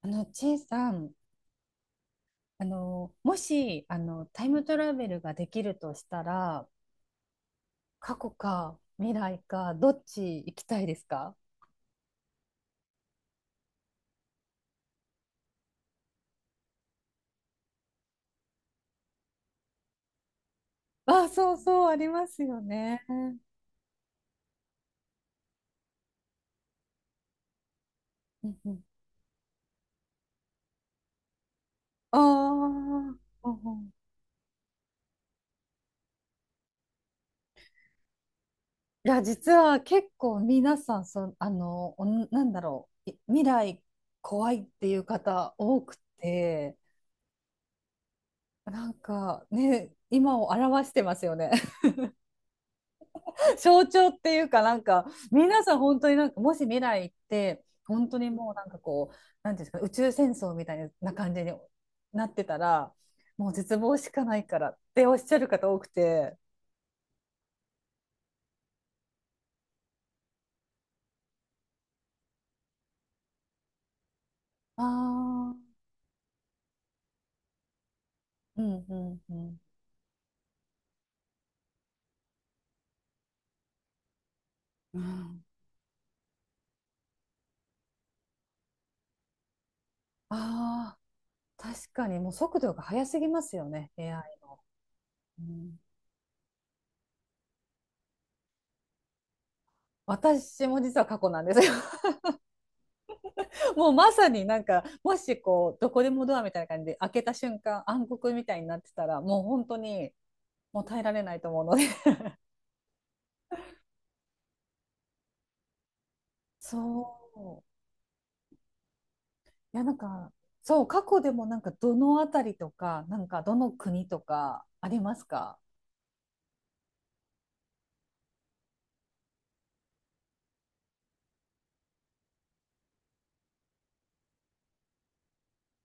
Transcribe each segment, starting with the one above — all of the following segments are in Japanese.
チェイさん、もし、タイムトラベルができるとしたら、過去か未来か、どっち行きたいですか？あ、そうそう、ありますよね。うんうん。ああ、うんうん。いや、実は結構皆さん、そ、あの、おんなんだろう、未来怖いっていう方多くて、なんかね、今を表してますよね。象徴っていうか、なんか皆さん本当になんかもし未来行って本当にもう、なんかこうなんていうんですか、宇宙戦争みたいな感じになってたら、もう絶望しかないからっておっしゃる方多くて。ああ、うんうんうんうん、ああ。確かにもう速度が速すぎますよね、 AI。うん。私も実は過去なんですよ。 もうまさに、なんかもしこうどこでもドアみたいな感じで開けた瞬間暗黒みたいになってたら、もう本当にもう耐えられないと思うので。そう。いや、なんか、そう、過去でもなんかどのあたりとか、なんかどの国とかありますか？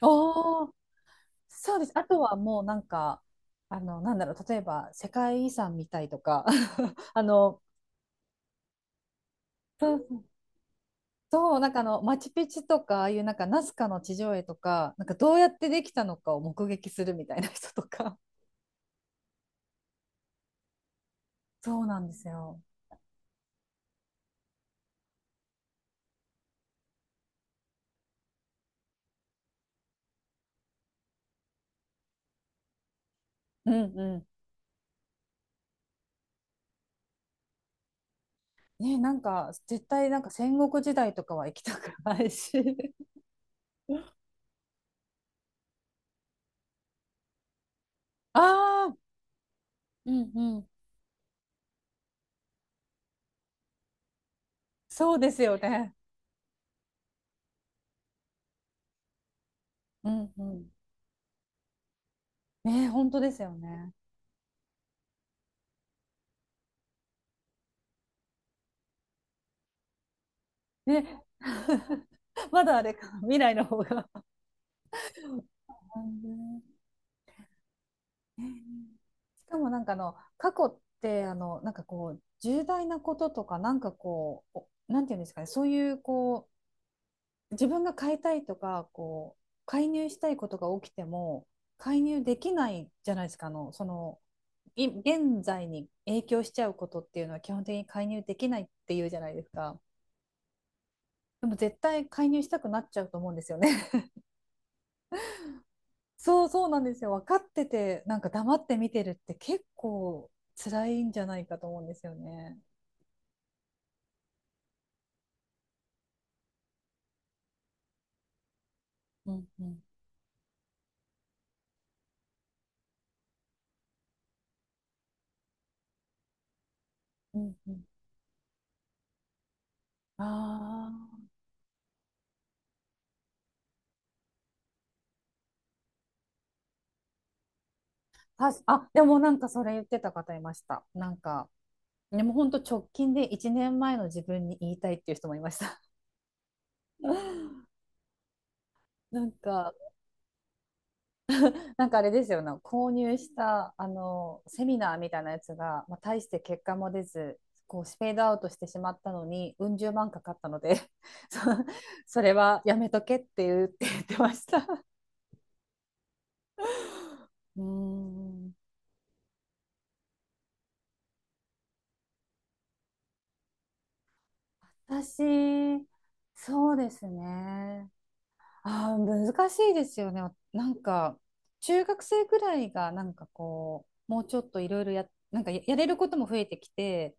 おー、そうです。あとはもうなんか、なんだろう、例えば世界遺産みたいとか、あの、そうそう、なんかマチュピチュとか、ああいうなんかナスカの地上絵とか、なんかどうやってできたのかを目撃するみたいな人とか。そうなんですよ。うんうん。ね、なんか絶対なんか戦国時代とかは行きたくないし。 ああ、うんうん、そうですよね。うんうん。ね、本当ですよね。ね、まだあれか、未来の方が。うん。しかもなんか、あの過去って、あのなんかこう重大なこととか、なんかこうおなんていうんですかね、そういうこう自分が買いたいとかこう介入したいことが起きても、介入できないじゃないですか。あのその現在に影響しちゃうことっていうのは、基本的に介入できないっていうじゃないですか。でも絶対介入したくなっちゃうと思うんですよね。 そうそうなんですよ。分かってて、なんか黙って見てるって結構辛いんじゃないかと思うんですよね。うんうん。うんうん。ああ、あ、でもなんかそれ言ってた方いました。なんか、でも本当直近で1年前の自分に言いたいっていう人もいました。なんか、なんかあれですよね、購入したあのセミナーみたいなやつが、まあ、大して結果も出ず、こうスペードアウトしてしまったのに、うん十万かかったので、 そそれはやめとけって言ってました。うーん、私、そうですね。あ、難しいですよね。なんか、中学生くらいが、なんかこう、もうちょっといろいろなんかやれることも増えてきて、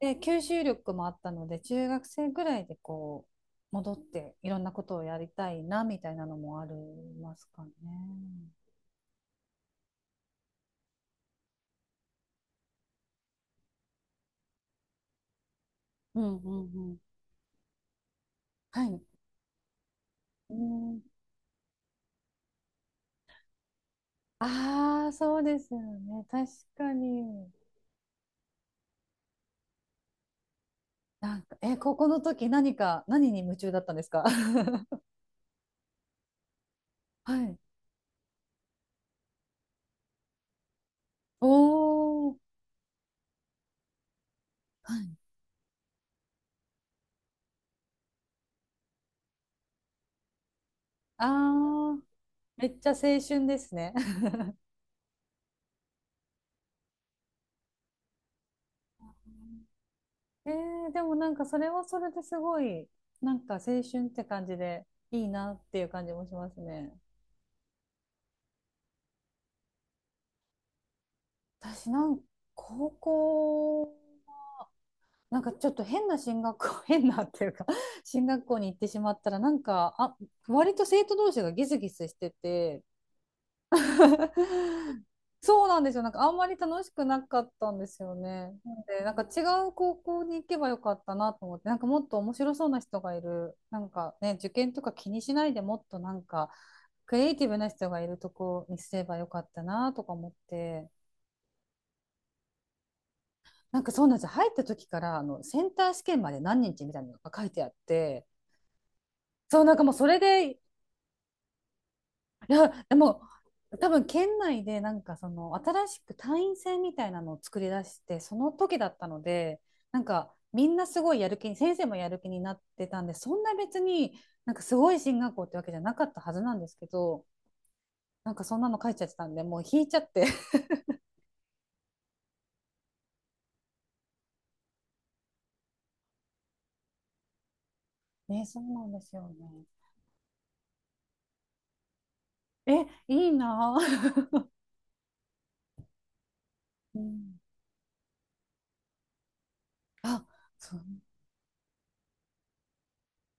で、吸収力もあったので、中学生ぐらいでこう、戻っていろんなことをやりたいな、みたいなのもありますかね。うんうんうん。はい。うん。ああ、そうですよね。確かに。なんか、高校の時何か、何に夢中だったんですか？ はい。おー。はい。ああ、めっちゃ青春ですね。でもなんかそれはそれですごい、なんか青春って感じでいいなっていう感じもしますね。私なんか高校、なんかちょっと変な進学校、変なっていうか進学校に行ってしまったら、なんか、あ、割と生徒同士がギスギスしてて、そうなんですよ。なんかあんまり楽しくなかったんですよね。なので、なんか違う高校に行けばよかったなと思って、なんかもっと面白そうな人がいる、なんかね、受験とか気にしないでもっとなんかクリエイティブな人がいるとこにすればよかったなとか思って、なんかそうなんですよ。入った時から、あのセンター試験まで何日みたいなのが書いてあって、そう、なんかもうそれで。いや、でも、多分県内でなんかその新しく単員制みたいなのを作り出してその時だったので、なんかみんなすごいやる気に、先生もやる気になってたんで、そんな別になんかすごい進学校ってわけじゃなかったはずなんですけど、なんかそんなの書いちゃってたんで、もう引いちゃって。 ね、そうなんですよね。え、いいなぁ。うん、あ、そ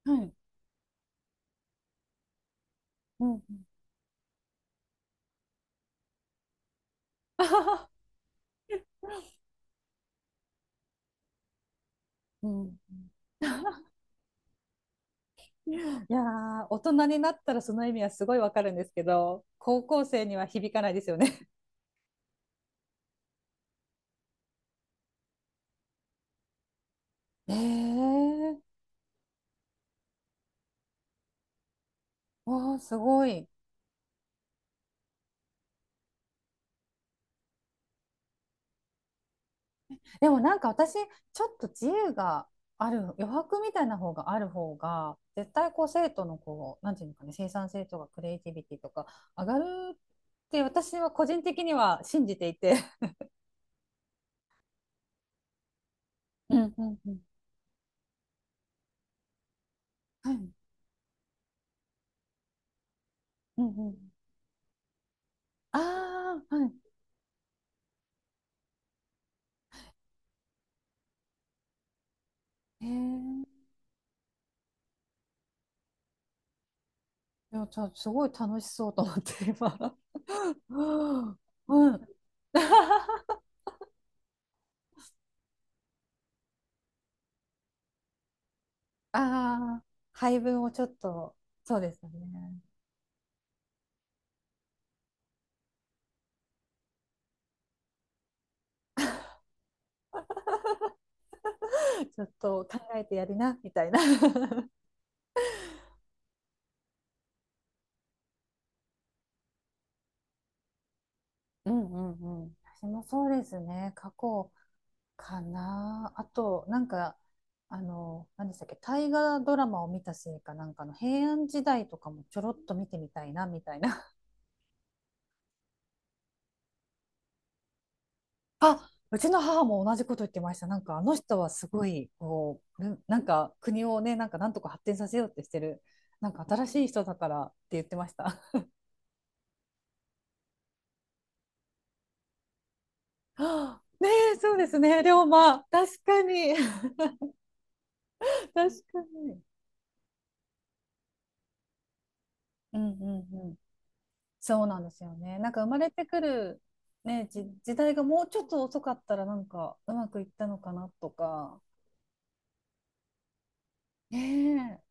う、はい、うんうん。 うん。いやー、大人になったらその意味はすごいわかるんですけど、高校生には響かないですよね。えー、わー、すごい。でもなんか私、ちょっと自由がある、余白みたいな方がある方が、絶対こう生徒のこう、なんていうのかね、生産性とかクリエイティビティとか上がるって、私は個人的には信じていて。うんうんうん。はい。うんうん。ああ、はい。へえー。いや、すごい楽しそうと思って、今。うん。ああ、配分をちょっと、そうですね。ちょっと考えてやりな、みたいな。うんうんうん。私もそうですね。過去かな。あと、なんか、何でしたっけ、大河ドラマを見たせいか、なんかの平安時代とかもちょろっと見てみたいな、みたいな。あ、うちの母も同じこと言ってました。なんかあの人はすごい、こう、なんか国をね、なんかなんとか発展させようってしてる、なんか新しい人だからって言ってました。はあ、ねえ、そうですね、龍馬。確かに。確かに。うんうんうん。そうなんですよね。なんか生まれてくる、ね、時代がもうちょっと遅かったら、なんかうまくいったのかなとか。ね。